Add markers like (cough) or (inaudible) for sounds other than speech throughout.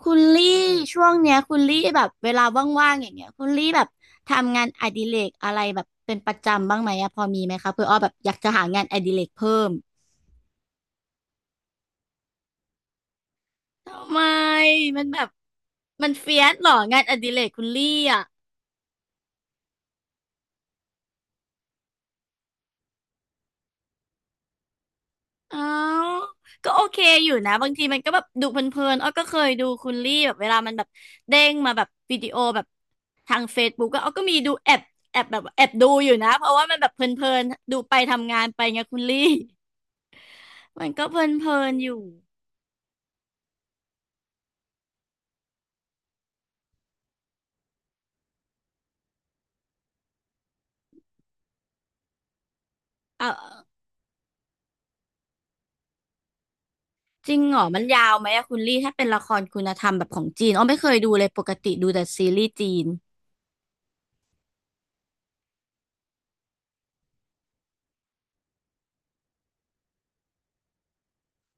คุณลี่ช่วงเนี้ยคุณลี่แบบเวลาว่างๆอย่างเงี้ยคุณลี่แบบทำงานอดิเรกอะไรแบบเป็นประจำบ้างไหมอะพอมีไหมคะเพื่ออ้อแบบอยากจะหางานอดิเรกเพิ่มทำไมมันแบบมันเฟียสเหรองานอดิเรกคุณลี่อะอ้าวก็โอเคอยู่นะบางทีมันก็แบบดูเพลินๆอ้อก็เคยดูคุณลี่แบบเวลามันแบบเด้งมาแบบวิดีโอแบบทางเฟซบุ๊กก็อ้อก็มีดูแอบแอบแบบแอบดูอยู่นะเพราะว่ามันแบบเพลินๆดูไปทำงานไปไงคุณลี่ มันก็เพลินๆลอยู่เออจริงเหรอมันยาวไหมอะคุณลี่ถ้าเป็นละครคุณธรรมแบบของจีนอ้อไม่เคยดูเลยปกติดูแต่ซีรีส์จีน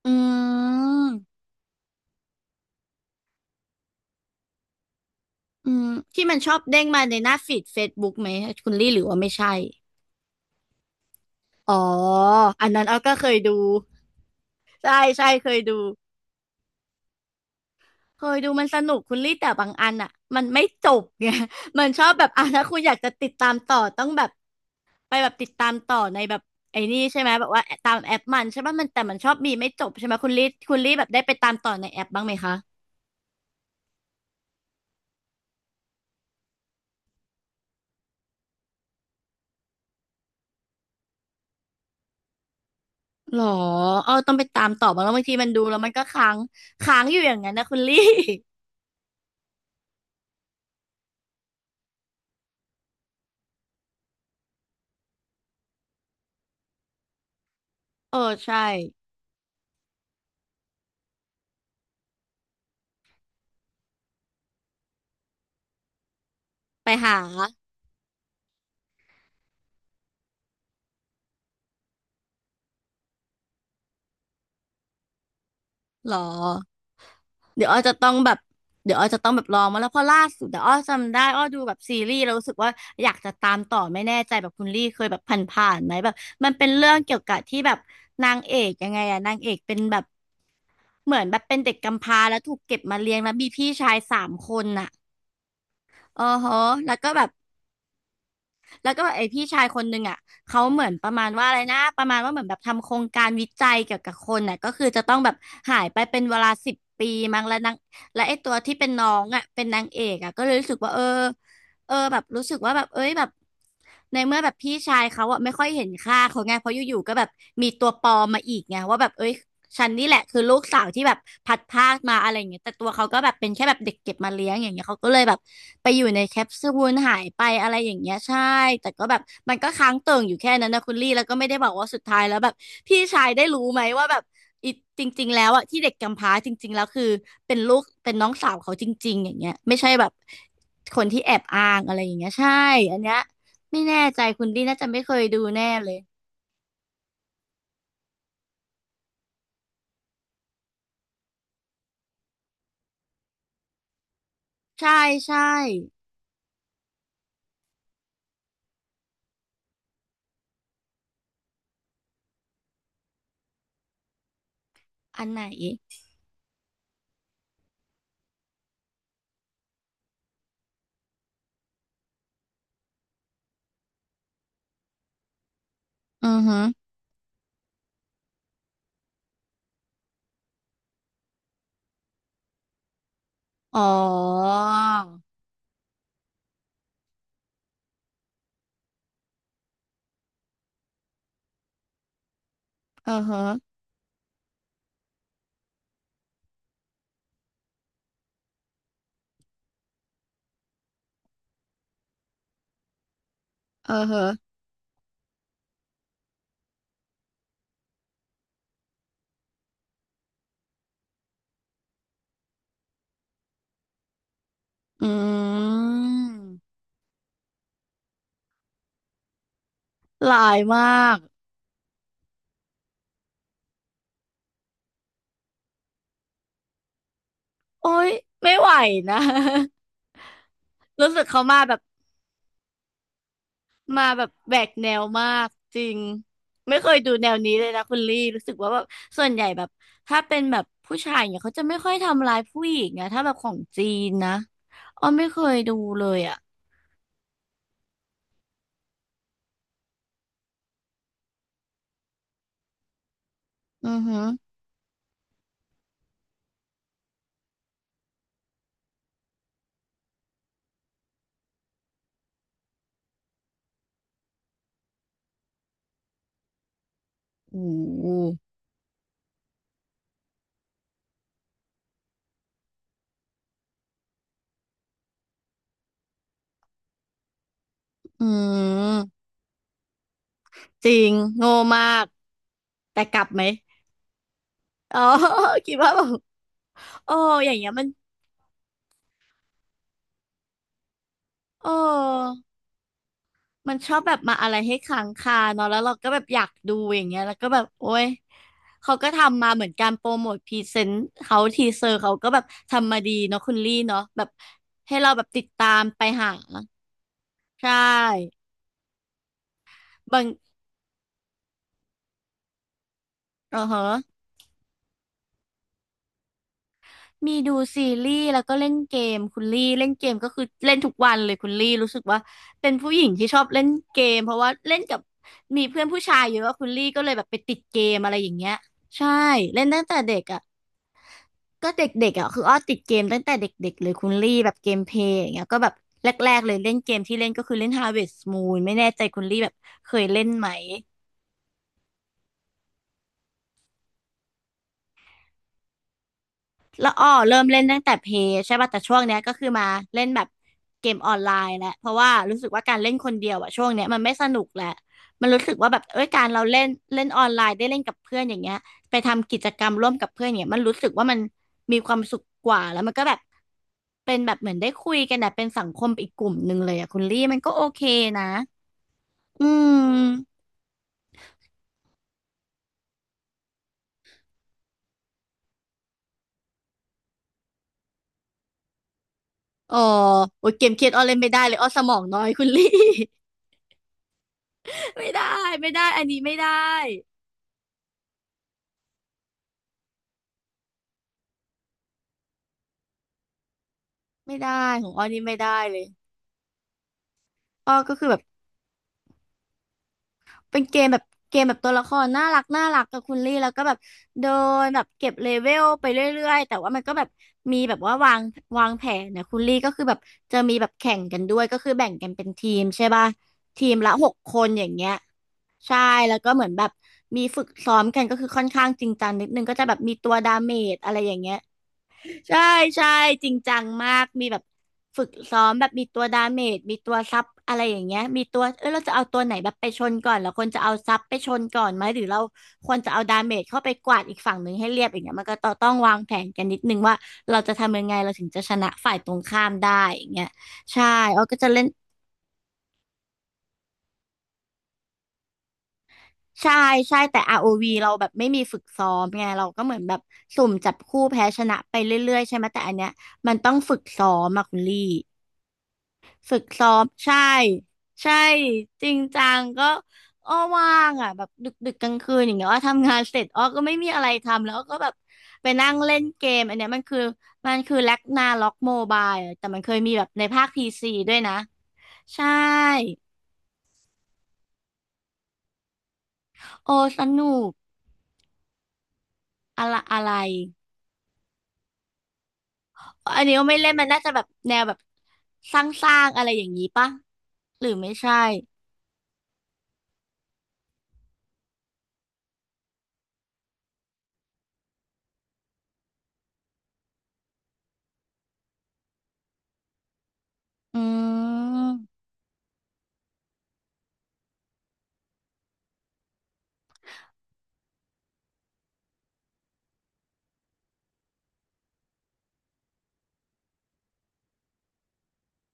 อืมอืมที่มันชอบเด้งมาในหน้าฟีดเฟซบุ๊กไหมคุณลี่หรือว่าไม่ใช่อ๋ออันนั้นอ้อก็เคยดูใช่ใช่เคยดู เคยดูมันสนุกคุณลี่แต่บางอันอ่ะมันไม่จบไง (laughs) มันชอบแบบอ่ะถ้าคุณอยากจะติดตามต่อต้องแบบไปแบบติดตามต่อในแบบไอ้นี่ใช่ไหมแบบว่าตามแอปมันใช่ป่ะมันแต่มันชอบมีไม่จบใช่ไหมคุณลี่คุณลี่แบบได้ไปตามต่อในแอปบ้างไหมคะหรอเออต้องไปตามต่อบ้างแล้วบางทีมันดูแล้วมันก็ค้างค้างอยู่อย่างนั้นนะคุณลี่ (laughs) เออใช่ไปหาหรอ เดี๋ยวอ้อจะต้องแบบเดี๋ยวอ้อจะต้องแบบลองมาแล้วเพราะล่าสุดเดี๋ยวอ้อจำได้อ้อดูแบบซีรีส์แล้วรู้สึกว่าอยากจะตามต่อไม่แน่ใจแบบคุณลี่เคยแบบผ่านๆไหมแบบมันเป็นเรื่องเกี่ยวกับที่แบบนางเอกยังไงอะนางเอกเป็นแบบเหมือนแบบเป็นเด็กกำพร้าแล้วถูกเก็บมาเลี้ยงแล้วมีพี่ชายสามคนอ่ะอ๋อฮะแล้วก็แบบ แล้วก็ไอพี่ชายคนหนึ่งอ่ะเขาเหมือนประมาณว่าอะไรนะประมาณว่าเหมือนแบบทำโครงการวิจัยเกี่ยวกับคนน่ะก็คือจะต้องแบบหายไปเป็นเวลา10 ปีมั้งแล้วนางและไอตัวที่เป็นน้องอ่ะเป็นนางเอกอ่ะก็เลยรู้สึกว่าเออเออแบบรู้สึกว่าแบบเอ้ยแบบในเมื่อแบบพี่ชายเขาอ่ะไม่ค่อยเห็นค่าเขาไงเพราะอยู่ๆก็แบบมีตัวปลอมมาอีกไงว่าแบบเอ้ย ฉันนี่แหละคือลูกสาวที่แบบพัดพรากมาอะไรอย่างเงี้ยแต่ตัวเขาก็แบบเป็นแค่แบบเด็กเก็บมาเลี้ยงอย่างเงี้ยเขาก็เลยแบบไปอยู่ในแคปซูลหายไปอะไรอย่างเงี้ยใช่แต่ก็แบบมันก็ค้างเติ่งอยู่แค่นั้นนะคุณลี่แล้วก็ไม่ได้บอกว่าสุดท้ายแล้วแบบพี่ชายได้รู้ไหมว่าแบบอีจริงๆแล้วอะที่เด็กกำพร้าจริงๆแล้วคือเป็นลูกเป็นน้องสาวเขาจริงๆอย่างเงี้ยไม่ใช่แบบคนที่แอบอ้างอะไรอย่างเงี้ยใช่อันเนี้ยไม่แน่ใจคุณลี่น่าจะไม่เคยดูแน่เลยใช่ใช่อันไหนอือฮึ อ๋อเออฮะเออฮะอืมหลายมากโอ้ยไม่ไหวนะ (laughs) รู้สึกเขามาแบบมาแบบแหวกแนวมากจริง ไม่เคยดูแนวนี้เลยนะคุณลี่รู้สึกว่าแบบส่วนใหญ่แบบถ้าเป็นแบบผู้ชายเนี่ยเขาจะไม่ค่อยทำร้ายผู้หญิงนะถ้าแบบของจีนนะอ้อไม่เคยดูเลยอ่ะอือฮึโอ้โหอืมจริงโง่มากแต่กลับไหมอ๋อ (laughs) คิดว่าแบบ เอออย่างเงี้ยมันเออมันชอบแบบมาอะไรให้ค้างคาเนาะแล้วเราก็แบบอยากดูอย่างเงี้ยแล้วก็แบบโอ้ย เขาก็ทำมาเหมือนการโปรโมทพรีเซนต์เขาทีเซอร์เขาก็แบบทำมาดีเนาะคุณลี่เนาะแบบให้เราแบบติดตามไปหาใช่บางเออฮะ มีดูซีรีส์แล้วก็เล่นเกมคุณลี่เล่นเกมก็คือเล่นทุกวันเลยคุณลี่รู้สึกว่าเป็นผู้หญิงที่ชอบเล่นเกมเพราะว่าเล่นกับมีเพื่อนผู้ชายเยอะคุณลี่ก็เลยแบบไปติดเกมอะไรอย่างเงี้ยใช่เล่นตั้งแต่เด็กอ่ะก็เด็กๆอ่ะคืออ้อติดเกมตั้งแต่เด็กๆเลยคุณลี่แบบเกมเพลย์อย่างเงี้ยก็แบบแรกๆเลยเล่นเกมที่เล่นก็คือเล่น Harvest Moon ไม่แน่ใจคุณลี่แบบเคยเล่นไหม แล้วอ้อเริ่มเล่นตั้งแต่เพย์ใช่ป่ะแต่ช่วงเนี้ยก็คือมาเล่นแบบเกมออนไลน์แหละเพราะว่ารู้สึกว่าการเล่นคนเดียวอะช่วงเนี้ยมันไม่สนุกแหละมันรู้สึกว่าแบบเอ้ยการเราเล่นเล่นออนไลน์ได้เล่นกับเพื่อนอย่างเงี้ยไปทำกิจกรรมร่วมกับเพื่อนอย่างเงี้ยมันรู้สึกว่ามันมีความสุขกว่าแล้วมันก็แบบเป็นแบบเหมือนได้คุยกันนะเป็นสังคมอีกกลุ่มหนึ่งเลยอะคุณลี่มันก็โอเคนะอืมอ๋อโอ้ยเกมเครียดอ้อเล่นไม่ได้เลยอ้อสมองน้อยคุณลี่ (laughs) ไม่ได้ไม่ได้อันนี้ไม่ได้ ไม่ได้ของอ้อนี่ไม่ได้เลยอ้อก็คือแบบเป็นเกมแบบตัวละครน่ารักน่ารักกับคุณลี่แล้วก็แบบเดินแบบเก็บเลเวลไปเรื่อยๆแต่ว่ามันก็แบบมีแบบว่าวางแผนนะคุณลี่ก็คือแบบจะมีแบบแข่งกันด้วยก็คือแบ่งกันเป็นทีมใช่ป่ะทีมละหกคนอย่างเงี้ยใช่แล้วก็เหมือนแบบมีฝึกซ้อมกันก็คือค่อนข้างจริงจังนิดนึงก็จะแบบมีตัวดาเมจอะไรอย่างเงี้ย ใช่ใช่จริงจังมากมีแบบฝึกซ้อมแบบมีตัวดาเมจมีตัวซับอะไรอย่างเงี้ยมีตัวเราจะเอาตัวไหนแบบไปชนก่อนแล้วคนจะเอาซับไปชนก่อนไหมหรือเราควรจะเอาดาเมจเข้าไปกวาดอีกฝั่งหนึ่งให้เรียบอย่างเงี้ยมันก็ต้องวางแผนกันนิดนึงว่าเราจะทำยังไงเราถึงจะชนะฝ่ายตรงข้ามได้อย่างเงี้ยใช่เราก็จะเล่นใช่ใช่แต่อาร์โอวีเราแบบไม่มีฝึกซ้อมไงเราก็เหมือนแบบสุ่มจับคู่แพ้ชนะไปเรื่อยๆใช่ไหมแต่อันเนี้ยมันต้องฝึกซ้อมอะคุณลี่ ฝึกซ้อมใช่ใช่จริงจังก็อ้อว่างอ่ะแบบดึกดึกกลางคืนอย่างเงี้ยอ้อทำงานเสร็จอ้อก็ไม่มีอะไรทำแล้วอ้อก็แบบไปนั่งเล่นเกมอันเนี้ยมันคือแล็กนาล็อกโมบายแต่มันเคยมีแบบในภาคพีซีด้วยนะใช่โอ้สนุกอะไรอะไรอันนี้ก็ไม่เล่นมันน่าจะแบบแนวแบบสร้างๆอะไรอย่างนี้ปะหรือไม่ใช่อืม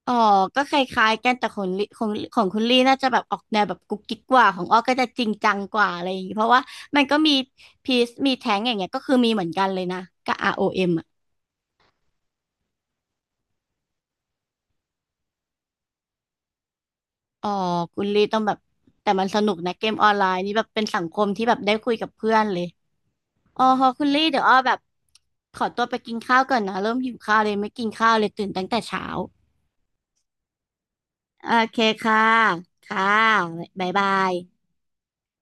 อ๋อก็คล้ายๆกันแต่ของลิของของคุณลี่น่าจะแบบออกแนวแบบกุ๊กกิ๊กกว่าของอ้อก็จะจริงจังกว่าอะไรอย่างงี้เพราะว่ามันก็มีพีซมีแท้งอย่างเงี้ยก็คือมีเหมือนกันเลยนะกับอ o m อเอ็มอ่ะอ๋อคุณลี่ต้องแบบแต่มันสนุกนะเกมออนไลน์นี่แบบเป็นสังคมที่แบบได้คุยกับเพื่อนเลยอ๋อพอคุณลี่เดี๋ยวอ้อแบบขอตัวไปกินข้าวก่อนนะเริ่มหิวข้าวเลยไม่กินข้าวเลยตื่นตั้งแต่เช้าโอเคค่ะค่ะบ๊ายบาย